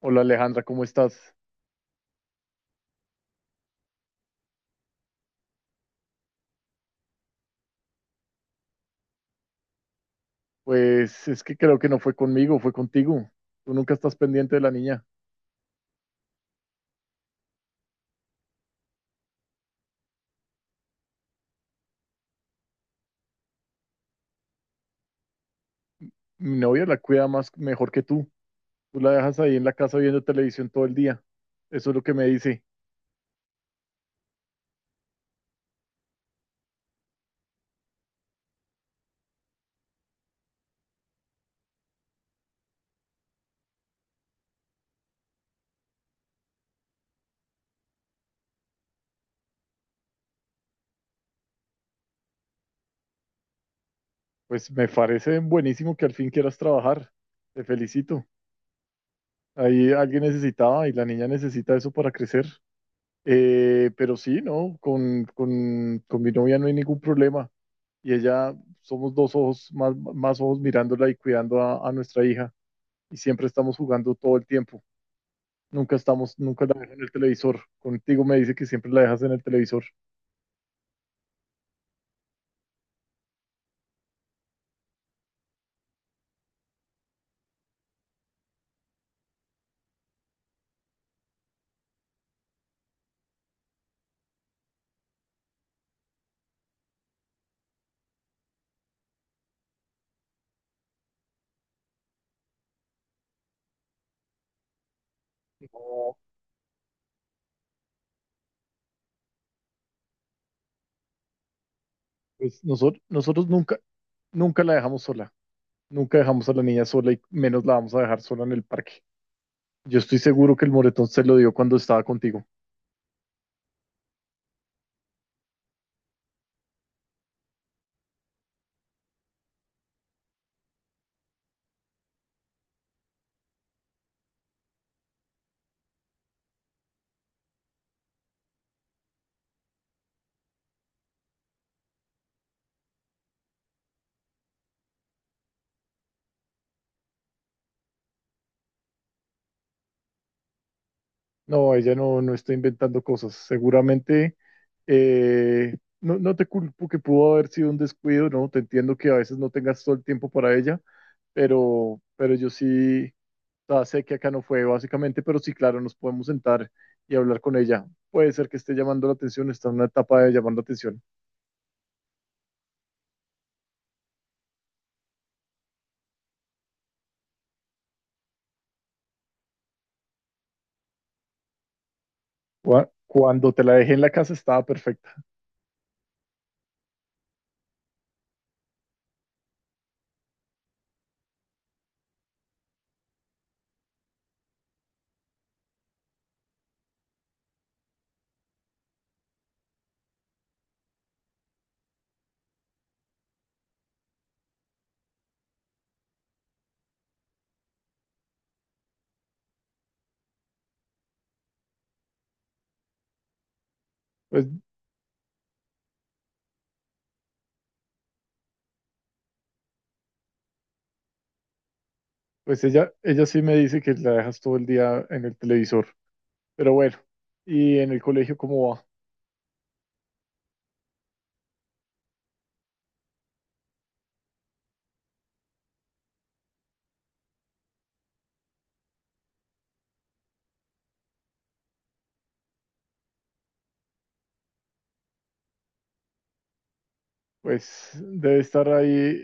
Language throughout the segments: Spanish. Hola Alejandra, ¿cómo estás? Pues es que creo que no fue conmigo, fue contigo. Tú nunca estás pendiente de la niña. Mi novia la cuida más mejor que tú. Tú la dejas ahí en la casa viendo televisión todo el día. Eso es lo que me dice. Pues me parece buenísimo que al fin quieras trabajar. Te felicito. Ahí alguien necesitaba y la niña necesita eso para crecer. Pero sí, ¿no? Con mi novia no hay ningún problema. Y ella, somos dos ojos, más ojos mirándola y cuidando a nuestra hija. Y siempre estamos jugando todo el tiempo. Nunca la dejo en el televisor. Contigo me dice que siempre la dejas en el televisor. No, pues nosotros nunca, nunca la dejamos sola. Nunca dejamos a la niña sola y menos la vamos a dejar sola en el parque. Yo estoy seguro que el moretón se lo dio cuando estaba contigo. No, ella no, no está inventando cosas. Seguramente, no, no te culpo que pudo haber sido un descuido, ¿no? Te entiendo que a veces no tengas todo el tiempo para ella, pero yo sí, o sea, sé que acá no fue básicamente, pero sí, claro, nos podemos sentar y hablar con ella. Puede ser que esté llamando la atención, está en una etapa de llamar la atención. Cuando te la dejé en la casa estaba perfecta. Pues, pues ella sí me dice que la dejas todo el día en el televisor, pero bueno, ¿y en el colegio cómo va? Pues debe estar ahí.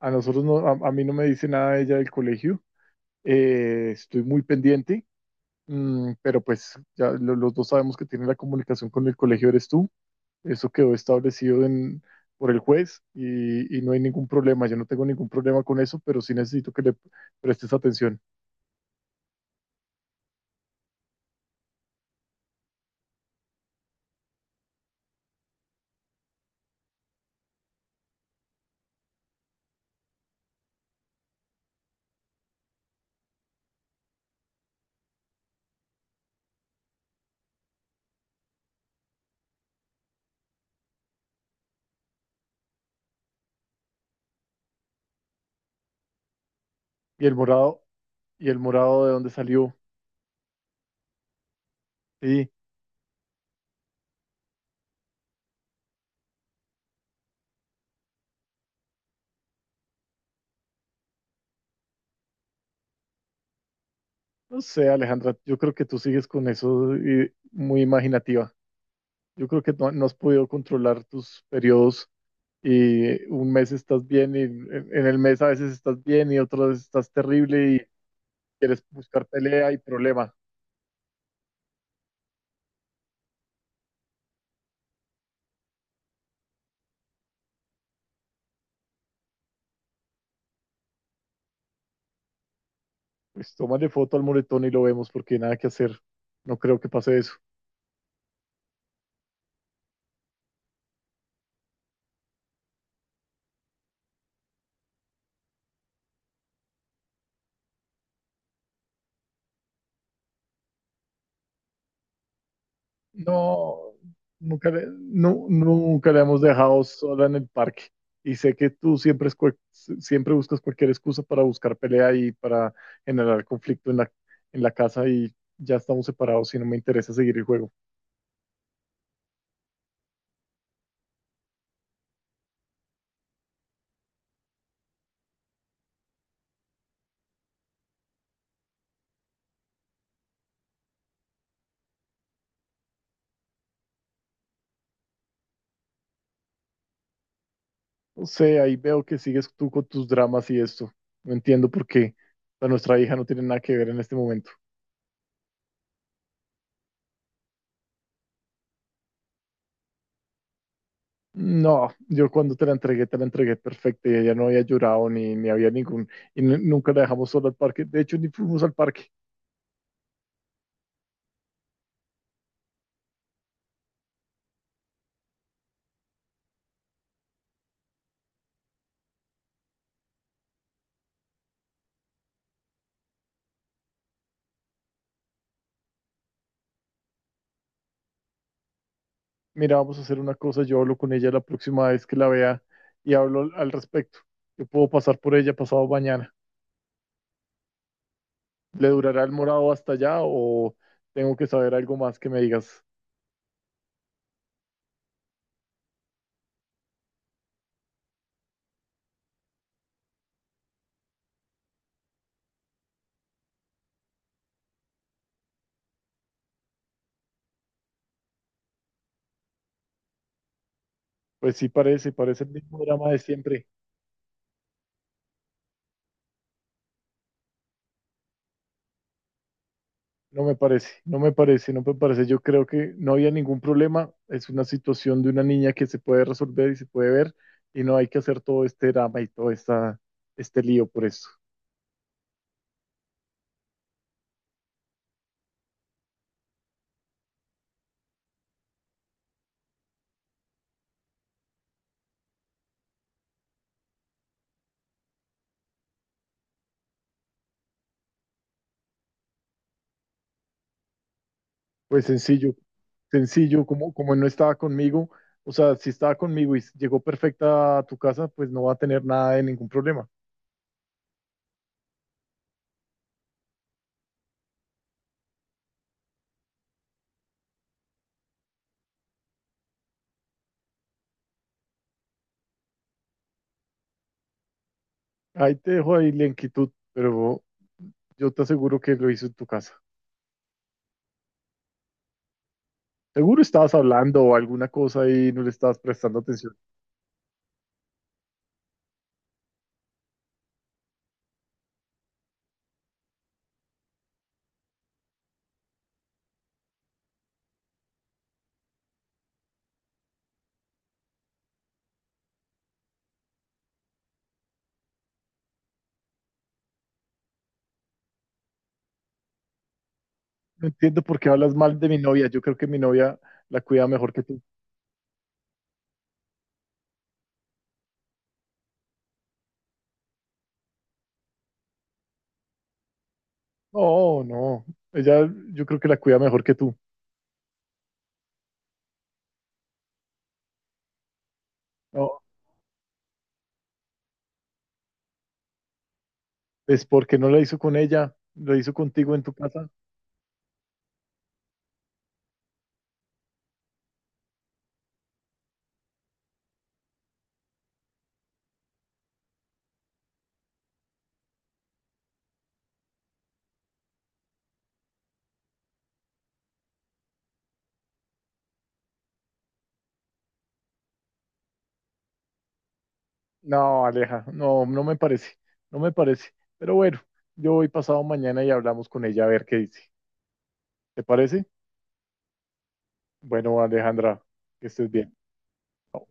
A nosotros no, a mí no me dice nada ella del colegio. Estoy muy pendiente, pero pues ya los dos sabemos que tiene la comunicación con el colegio, eres tú. Eso quedó establecido en, por el juez y no hay ningún problema. Yo no tengo ningún problema con eso, pero sí necesito que le prestes atención. Y el morado, y el morado de dónde salió. Sí, no sé, Alejandra, yo creo que tú sigues con eso y muy imaginativa. Yo creo que no, no has podido controlar tus periodos y un mes estás bien y en el mes a veces estás bien y otras veces estás terrible y quieres buscar pelea y problema. Pues tómale foto al moretón y lo vemos porque nada que hacer. No creo que pase eso. No, nunca le, nu- nunca la hemos dejado sola en el parque. Y sé que tú siempre, es cual- si, siempre buscas cualquier excusa para buscar pelea y para generar conflicto en la casa y ya estamos separados y no me interesa seguir el juego. No sé, ahí veo que sigues tú con tus dramas y esto. No entiendo por qué. O sea, nuestra hija no tiene nada que ver en este momento. No, yo cuando te la entregué perfecta y ella no había llorado ni había ningún... Y nunca la dejamos sola al parque. De hecho, ni fuimos al parque. Mira, vamos a hacer una cosa. Yo hablo con ella la próxima vez que la vea y hablo al respecto. Yo puedo pasar por ella pasado mañana. ¿Le durará el morado hasta allá o tengo que saber algo más que me digas? Pues sí, parece, parece el mismo drama de siempre. No me parece, no me parece, no me parece. Yo creo que no había ningún problema. Es una situación de una niña que se puede resolver y se puede ver y no hay que hacer todo este drama y todo esta, este lío por eso. Pues sencillo, sencillo, como, como no estaba conmigo, o sea, si estaba conmigo y llegó perfecta a tu casa, pues no va a tener nada de ningún problema. Ahí te dejo ahí la inquietud, pero yo te aseguro que lo hizo en tu casa. Seguro estabas hablando o alguna cosa y no le estabas prestando atención. No entiendo por qué hablas mal de mi novia. Yo creo que mi novia la cuida mejor que tú. No, no. Ella, yo creo que la cuida mejor que tú. No, es porque no la hizo con ella, lo hizo contigo en tu casa. No, Aleja, no, no me parece. No me parece. Pero bueno, yo voy pasado mañana y hablamos con ella a ver qué dice. ¿Te parece? Bueno, Alejandra, que estés bien. Chao.